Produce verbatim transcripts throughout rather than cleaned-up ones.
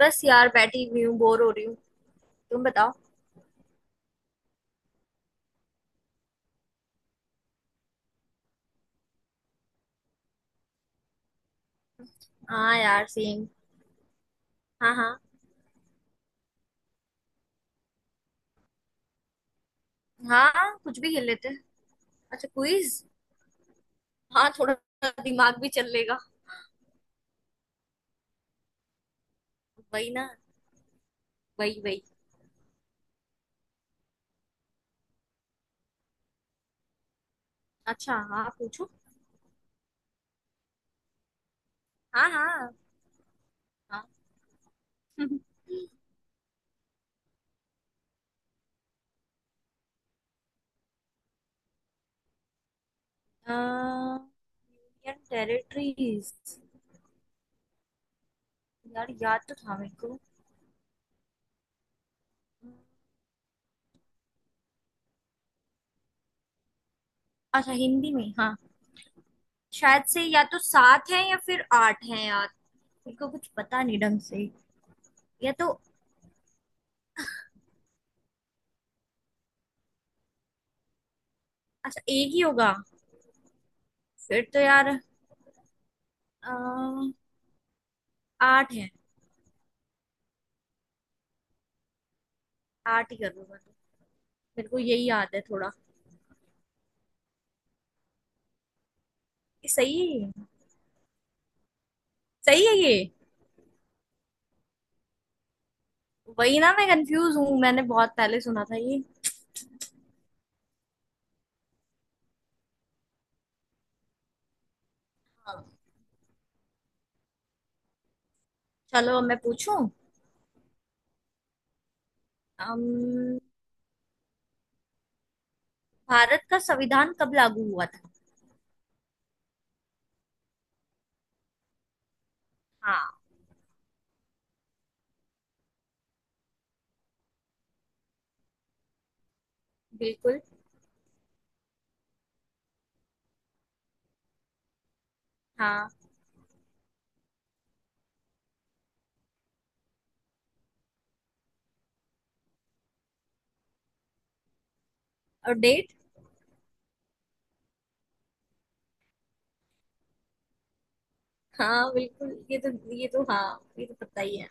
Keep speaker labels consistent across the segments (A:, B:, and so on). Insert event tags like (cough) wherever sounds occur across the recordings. A: बस यार बैठी हुई हूँ बोर हो रही हूँ। तुम बताओ। हाँ यार सेम। हाँ हाँ। हाँ कुछ भी खेल लेते हैं। अच्छा क्विज। हाँ थोड़ा दिमाग भी चल लेगा। वही ना। वही वही। अच्छा हाँ पूछो। हाँ हाँ। हाँ (laughs) यूनियन टेरिटरीज। यार याद तो था मेरे को। अच्छा हिंदी में हाँ। शायद से या तो सात है या फिर आठ है यार। मेरे को कुछ पता नहीं ढंग से। या तो अच्छा एक ही होगा। फिर तो यार अ, आठ है। आठ ही करूंगा तो। मेरे को यही याद है थोड़ा। ये सही है ये? सही है ये। वही ना मैं कंफ्यूज हूँ मैंने बहुत पहले सुना था ये। हाँ। चलो अब मैं पूछूं। अम्म, भारत का संविधान कब लागू हुआ था। हाँ बिल्कुल। हाँ। और डेट। हाँ बिल्कुल ये तो ये तो हाँ ये तो पता ही है।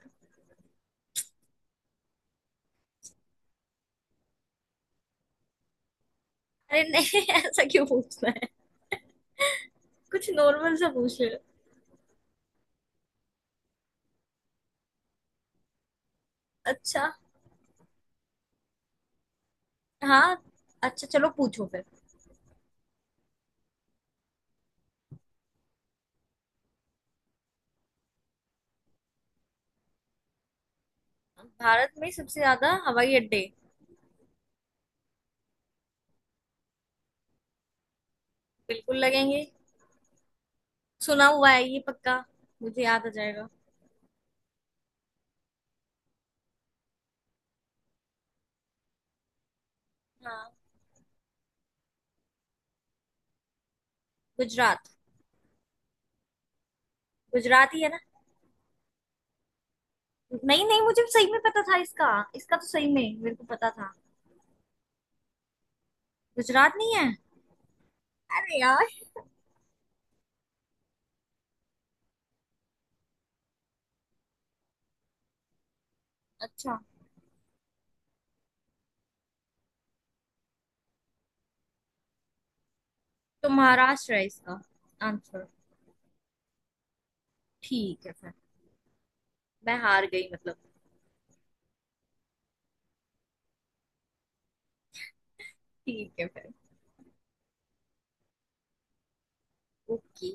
A: अरे नहीं (laughs) ऐसा क्यों पूछना है। कुछ नॉर्मल सा पूछ रहे हो। अच्छा हाँ। अच्छा चलो पूछो फिर। भारत में सबसे ज्यादा हवाई अड्डे। बिल्कुल लगेंगे। सुना हुआ है ये पक्का। मुझे याद आ जाएगा। हाँ गुजरात। गुजरात ही है ना। नहीं नहीं मुझे सही में पता था इसका। इसका तो सही में मेरे को पता था। गुजरात नहीं है। अरे यार। अच्छा। तो महाराष्ट्र है इसका आंसर। ठीक है फिर। मैं हार गई मतलब। ठीक है फिर। ओके।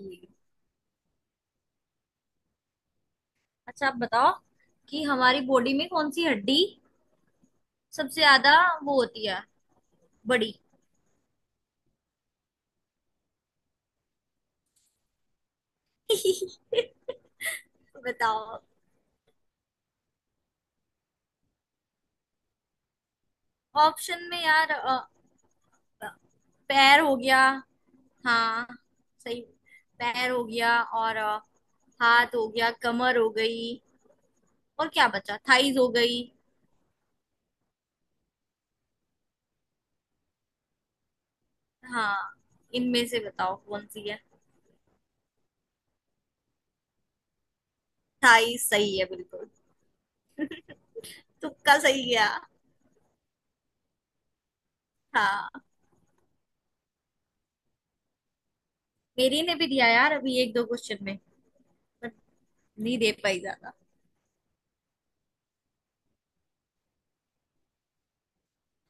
A: अच्छा आप बताओ कि हमारी बॉडी में कौन सी हड्डी सबसे ज्यादा वो होती है बड़ी। (laughs) बताओ। ऑप्शन में यार अ, पैर हो गया। हाँ सही। पैर हो गया और अ, हाथ हो गया कमर हो गई और क्या बचा थाइज हो गई। हाँ इनमें से बताओ कौन सी है। थाई सही है बिल्कुल। तुक्का सही गया। हाँ। मेरी ने भी दिया यार अभी एक दो क्वेश्चन में। पर नहीं दे पाई ज्यादा।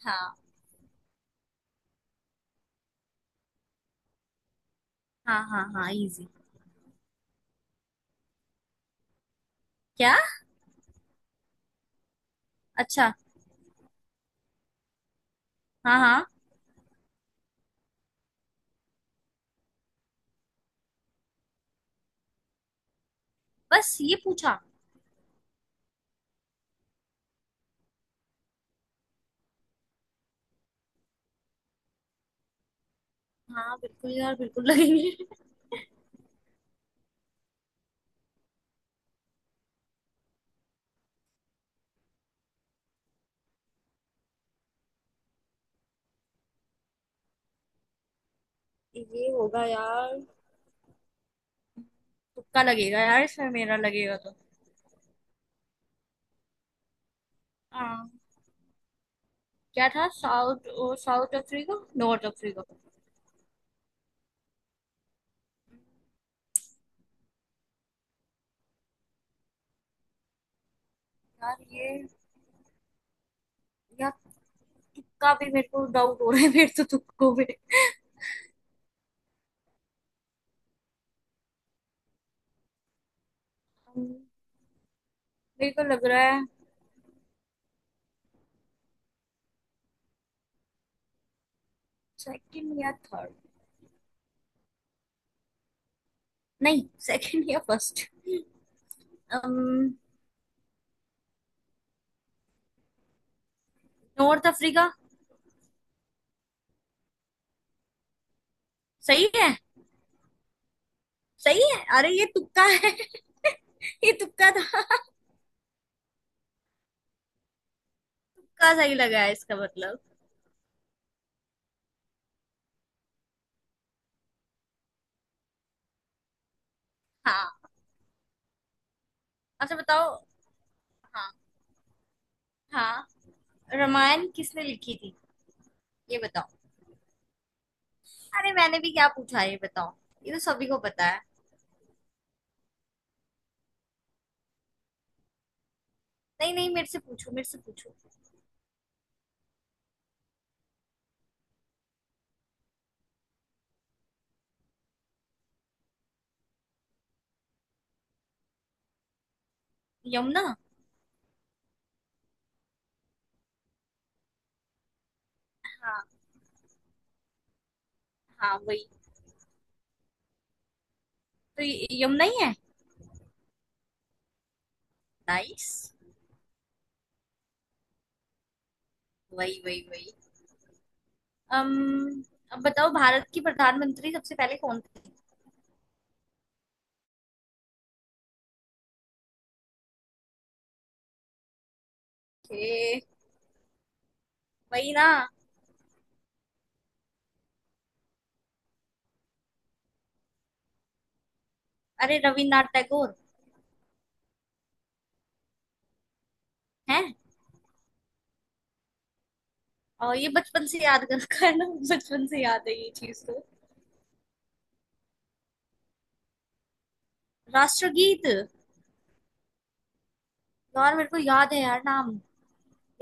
A: हाँ हाँ हाँ हाँ इजी। क्या। अच्छा। हाँ हाँ। बस ये पूछा। हाँ बिल्कुल यार बिल्कुल लगेंगे। (laughs) ये होगा यार। तुक्का लगेगा यार इसमें मेरा लगेगा तो। हाँ क्या था साउथ ओ, साउथ अफ्रीका नॉर्थ अफ्रीका। यार ये यार तुक्का भी मेरे को डाउट हो रहा है मेरे तो तुक्कों में। अम, मेरे को लग रहा है सेकंड या थर्ड नहीं सेकंड या फर्स्ट नॉर्थ अफ्रीका सही है। सही है अरे ये तुक्का है (laughs) ये तुक्का था। तुक्का सही लगा है इसका मतलब। हाँ। अच्छा बताओ। हाँ हाँ। रामायण किसने लिखी थी ये बताओ। अरे मैंने भी क्या पूछा है ये बताओ ये तो सभी को पता है। नहीं नहीं मेरे से पूछो मेरे से पूछो। यमुना। हाँ वही। तो ये- यमुना ही है। नाइस। वही वही वही। अम्म अब बताओ भारत की प्रधानमंत्री सबसे पहले कौन थे। वही ना। अरे रविन्द्रनाथ टैगोर हैं। और ये बचपन से याद कर रखा है ना। बचपन से याद है ये चीज तो। राष्ट्रगीत। यार मेरे को याद है यार नाम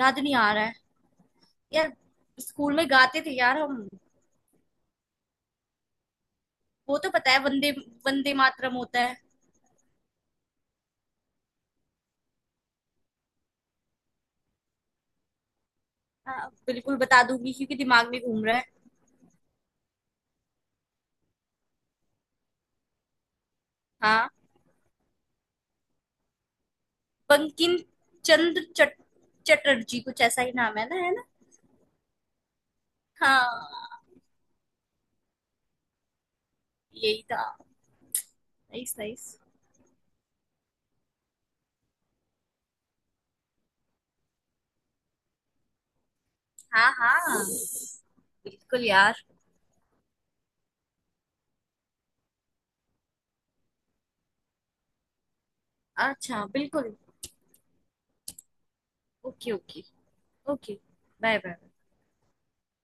A: याद नहीं आ रहा है। यार स्कूल में गाते थे यार हम। वो तो पता है वंदे वंदे मातरम होता है। हाँ, बिल्कुल बता दूंगी क्योंकि दिमाग में घूम रहा है। हाँ। बंकिम चंद्र चट, चटर्जी कुछ ऐसा ही नाम है ना है ना। हाँ। यही था। Nice nice. हाँ हाँ बिल्कुल यार। अच्छा बिल्कुल। Okay okay. Okay. Bye bye.